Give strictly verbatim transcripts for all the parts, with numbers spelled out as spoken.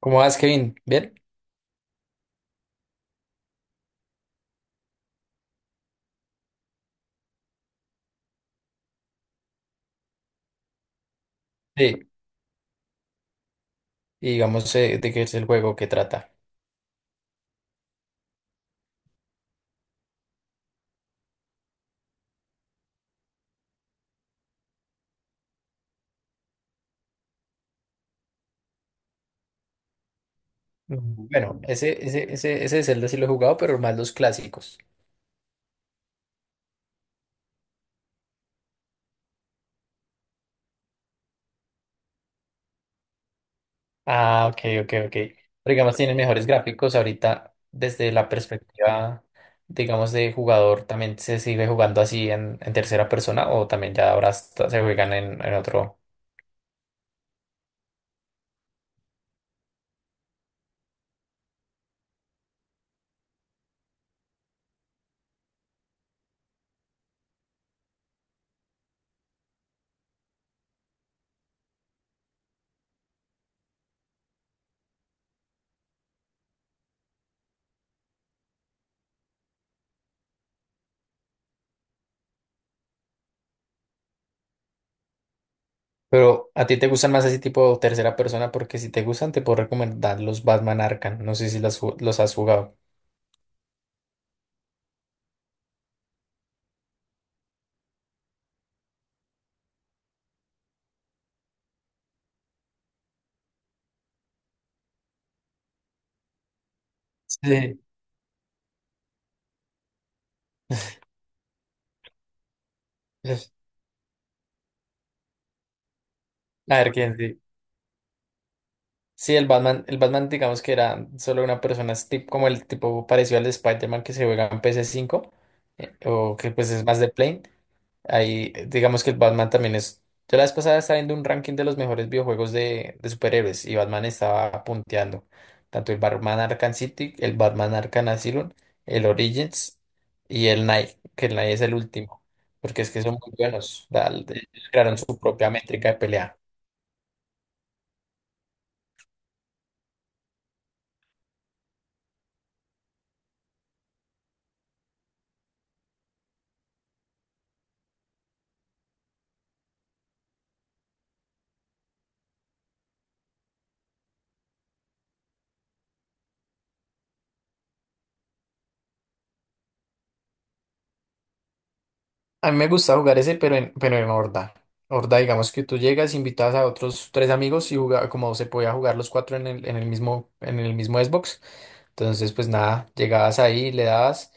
¿Cómo vas, Kevin? ¿Bien? Sí. Y digamos, eh, ¿de qué es el juego que trata? Mm, bueno, ese, ese, ese, ese de Zelda sí lo he jugado, pero más los clásicos. Ah, ok, ok, ok. Pero digamos, tienen mejores gráficos ahorita desde la perspectiva, digamos, de jugador. ¿También se sigue jugando así en, en tercera persona o también ya ahora hasta se juegan en, en otro? Pero a ti te gustan más ese tipo de tercera persona porque si te gustan te puedo recomendar los Batman Arkham. No sé si las ju- los has jugado. Sí. A ver quién sí. Sí, el Batman, el Batman, digamos que era solo una persona, es tip- como el tipo parecido al de Spider-Man que se juega en ps cinco, eh, o que pues es más de plane. Ahí, eh, digamos que el Batman también es. Yo la vez pasada estaba viendo un ranking de los mejores videojuegos de, de superhéroes y Batman estaba punteando. Tanto el Batman Arkham City, el Batman Arkham Asylum, el Origins y el Night, que el Night es el último, porque es que son muy buenos. da- de- Crearon su propia métrica de pelea. A mí me gusta jugar ese, pero en, pero en horda. Horda, digamos que tú llegas, invitas a otros tres amigos y jugaba, como se podía jugar los cuatro en el, en el mismo, en el mismo Xbox. Entonces, pues nada, llegabas ahí, le dabas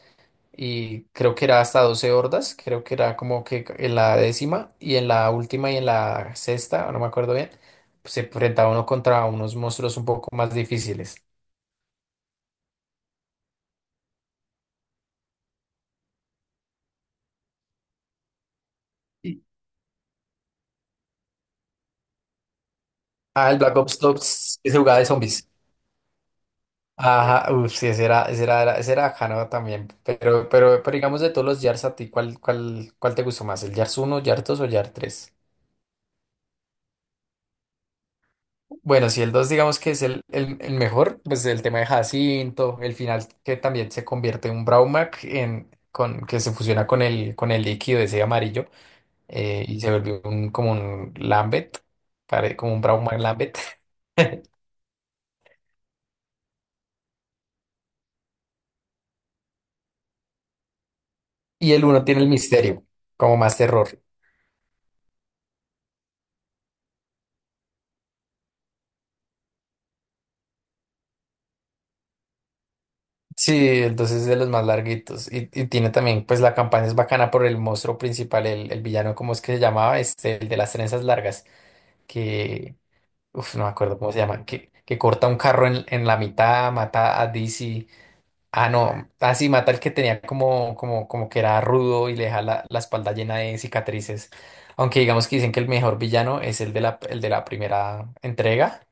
y creo que era hasta doce hordas, creo que era como que en la décima y en la última y en la sexta, no me acuerdo bien, pues se enfrentaba uno contra unos monstruos un poco más difíciles. Ah, el Black Ops dos que se jugaba de zombies. Ajá, uff, sí, ese era, ese era, era- ese era bacano también. Pero, pero, pero digamos de todos los Yars a ti, ¿cuál, cuál, cuál te gustó más? ¿El Yars uno, Yars dos o Yars tres? Bueno, si el dos digamos que es el, el, el mejor, pues el tema de Jacinto, el final que también se convierte en un Braumac en, con, que se fusiona con el, con el líquido ese amarillo, eh, y se volvió un, como un Lambeth, pare- como un Braumac Lambeth. Y el uno tiene el misterio, como más terror. Sí, entonces es de los más larguitos. Y, y tiene también, pues la campaña es bacana por el monstruo principal, el, el villano, ¿cómo es que se llamaba? Este, el de las trenzas largas, que, uf, no me acuerdo cómo se llama, que, que corta un carro en, en la mitad, mata a Dizzy. Ah, no, así mata el que tenía como, como, como que era rudo y le deja la, la espalda llena de cicatrices. Aunque digamos que dicen que el mejor villano es el de la, el de la primera entrega,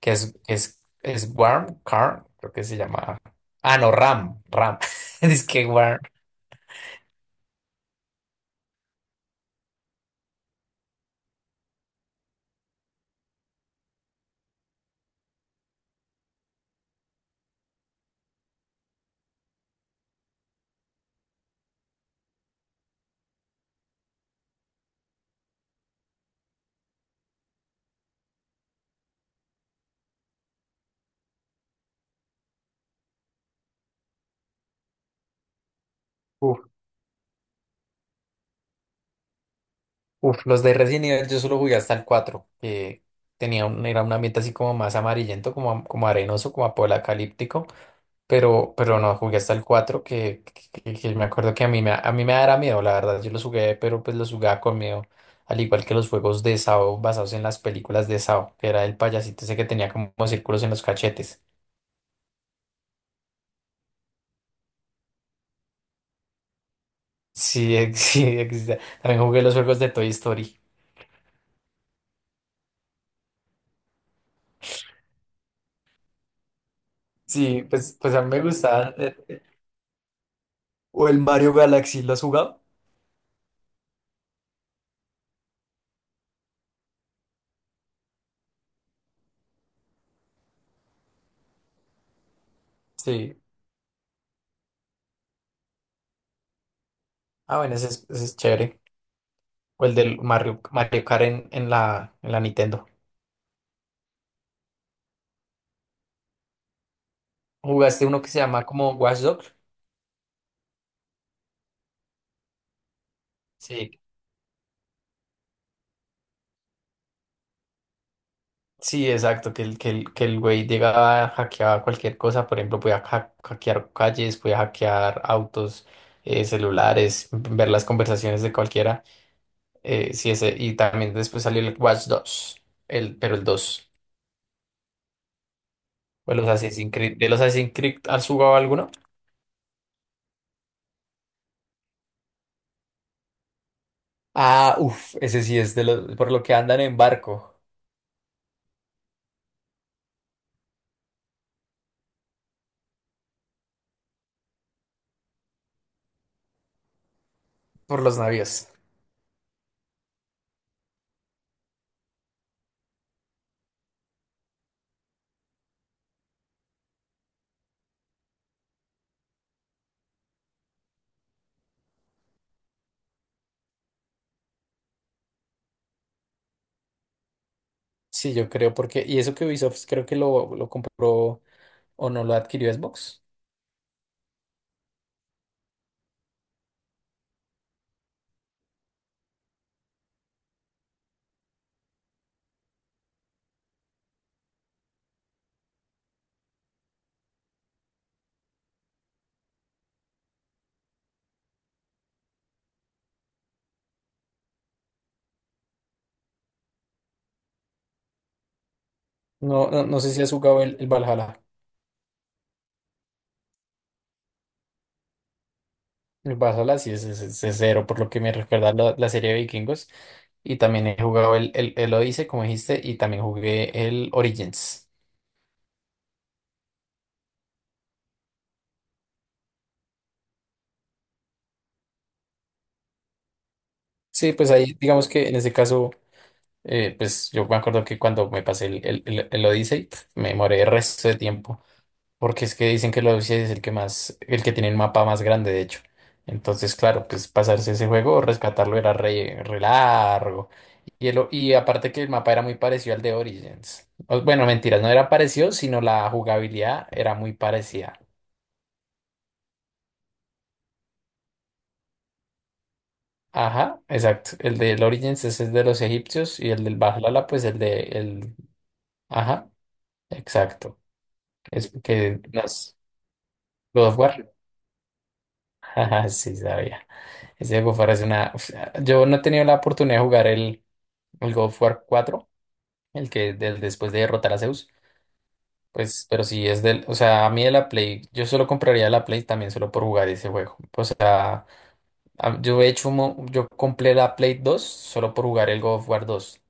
que es, es, es Worm, Karn, creo que se llama. Ah, no, Ram, Ram. Es que Worm. Uf, uf, los de Resident Evil yo solo jugué hasta el cuatro que tenía un, era un ambiente así como más amarillento, como, como arenoso, como apocalíptico. Pero, pero no, jugué hasta el cuatro que, que- que- que me acuerdo que a mí me, a mí me dará miedo, la verdad. Yo los jugué, pero pues los jugaba con miedo. Al igual que los juegos de Sao basados en las películas de Sao, que era el payasito ese que tenía como círculos en los cachetes. Sí, ex- sí, existe. También jugué los juegos de Toy Story. Sí, pues, pues a mí me gustaban. Eh, ¿o el Mario Galaxy? ¿Lo has jugado? Sí. Ah, bueno, ese es, ese es chévere. O el del Mario, Mario Kart en, en la, en la Nintendo. ¿Jugaste uno que se llama como Watch Dogs? Sí. Sí, exacto, que el, que el, que el güey llegaba a hackear cualquier cosa, por ejemplo, podía ha- hackear calles, podía hackear autos, eh, celulares, ver las conversaciones de cualquiera. Eh, sí, ese, y también después salió el Watch dos, el, pero el dos. O los Assassin's Creed, ¿de los Assassin's Creed has jugado alguno? Ah, uff, ese sí es de los, por lo que andan en barco, por los navíos. Sí, yo creo, porque, y eso que Ubisoft creo que lo, lo compró o no lo adquirió Xbox. No, no, no sé si has jugado el, el Valhalla. El Valhalla sí es, es, es- es cero, por lo que me recuerda la, la serie de Vikingos. Y también he jugado el, el, el Odyssey, como dijiste, y también jugué el Origins. Sí, pues ahí, digamos que en ese caso, eh, pues yo me acuerdo que cuando me pasé el, el, el, el Odyssey, pf, me demoré el resto de tiempo. Porque es que dicen que el Odyssey es el que más, el que tiene el mapa más grande, de hecho. Entonces, claro, pues pasarse ese juego, rescatarlo era re, re largo. Y, el o- y aparte que el mapa era muy parecido al de Origins. O- bueno, mentiras, no era parecido, sino la jugabilidad era muy parecida. Ajá, exacto. El del Origins es el de los egipcios y el del Valhalla, pues el de el. Ajá, exacto. Es que nos. God of War. Ajá, sí, sabía. Ese juego parece una. O yo no he tenido la oportunidad de jugar el, el God of War cuatro, el que del después de derrotar a Zeus. Pues, pero si es del, o sea, a mí de la Play, yo solo compraría la Play también solo por jugar ese juego. O sea, a- yo he hecho, un mo- yo compré la Play dos solo por jugar el God of War dos.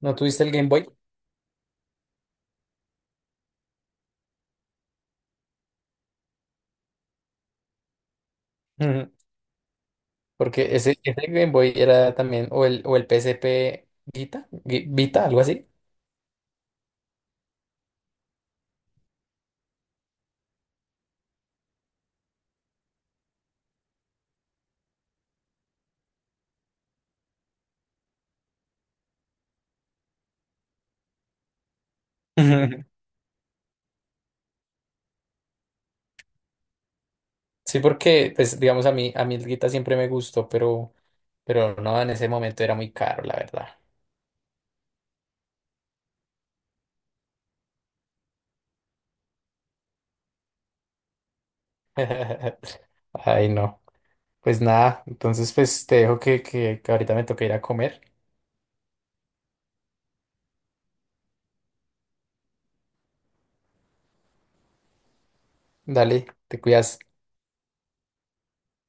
¿No tuviste el Game Boy? Ujú. Porque ese, ese Game Boy era también, o el, o el P S P Vita, Gui- Vita, algo así. Ujú. Sí, porque, pues, digamos, a mí, a mí el Vita siempre me gustó, pero, pero no, en ese momento era muy caro, la verdad. Ay, no. Pues nada, entonces pues te dejo que, que que ahorita me toca ir a comer. Dale, te cuidas.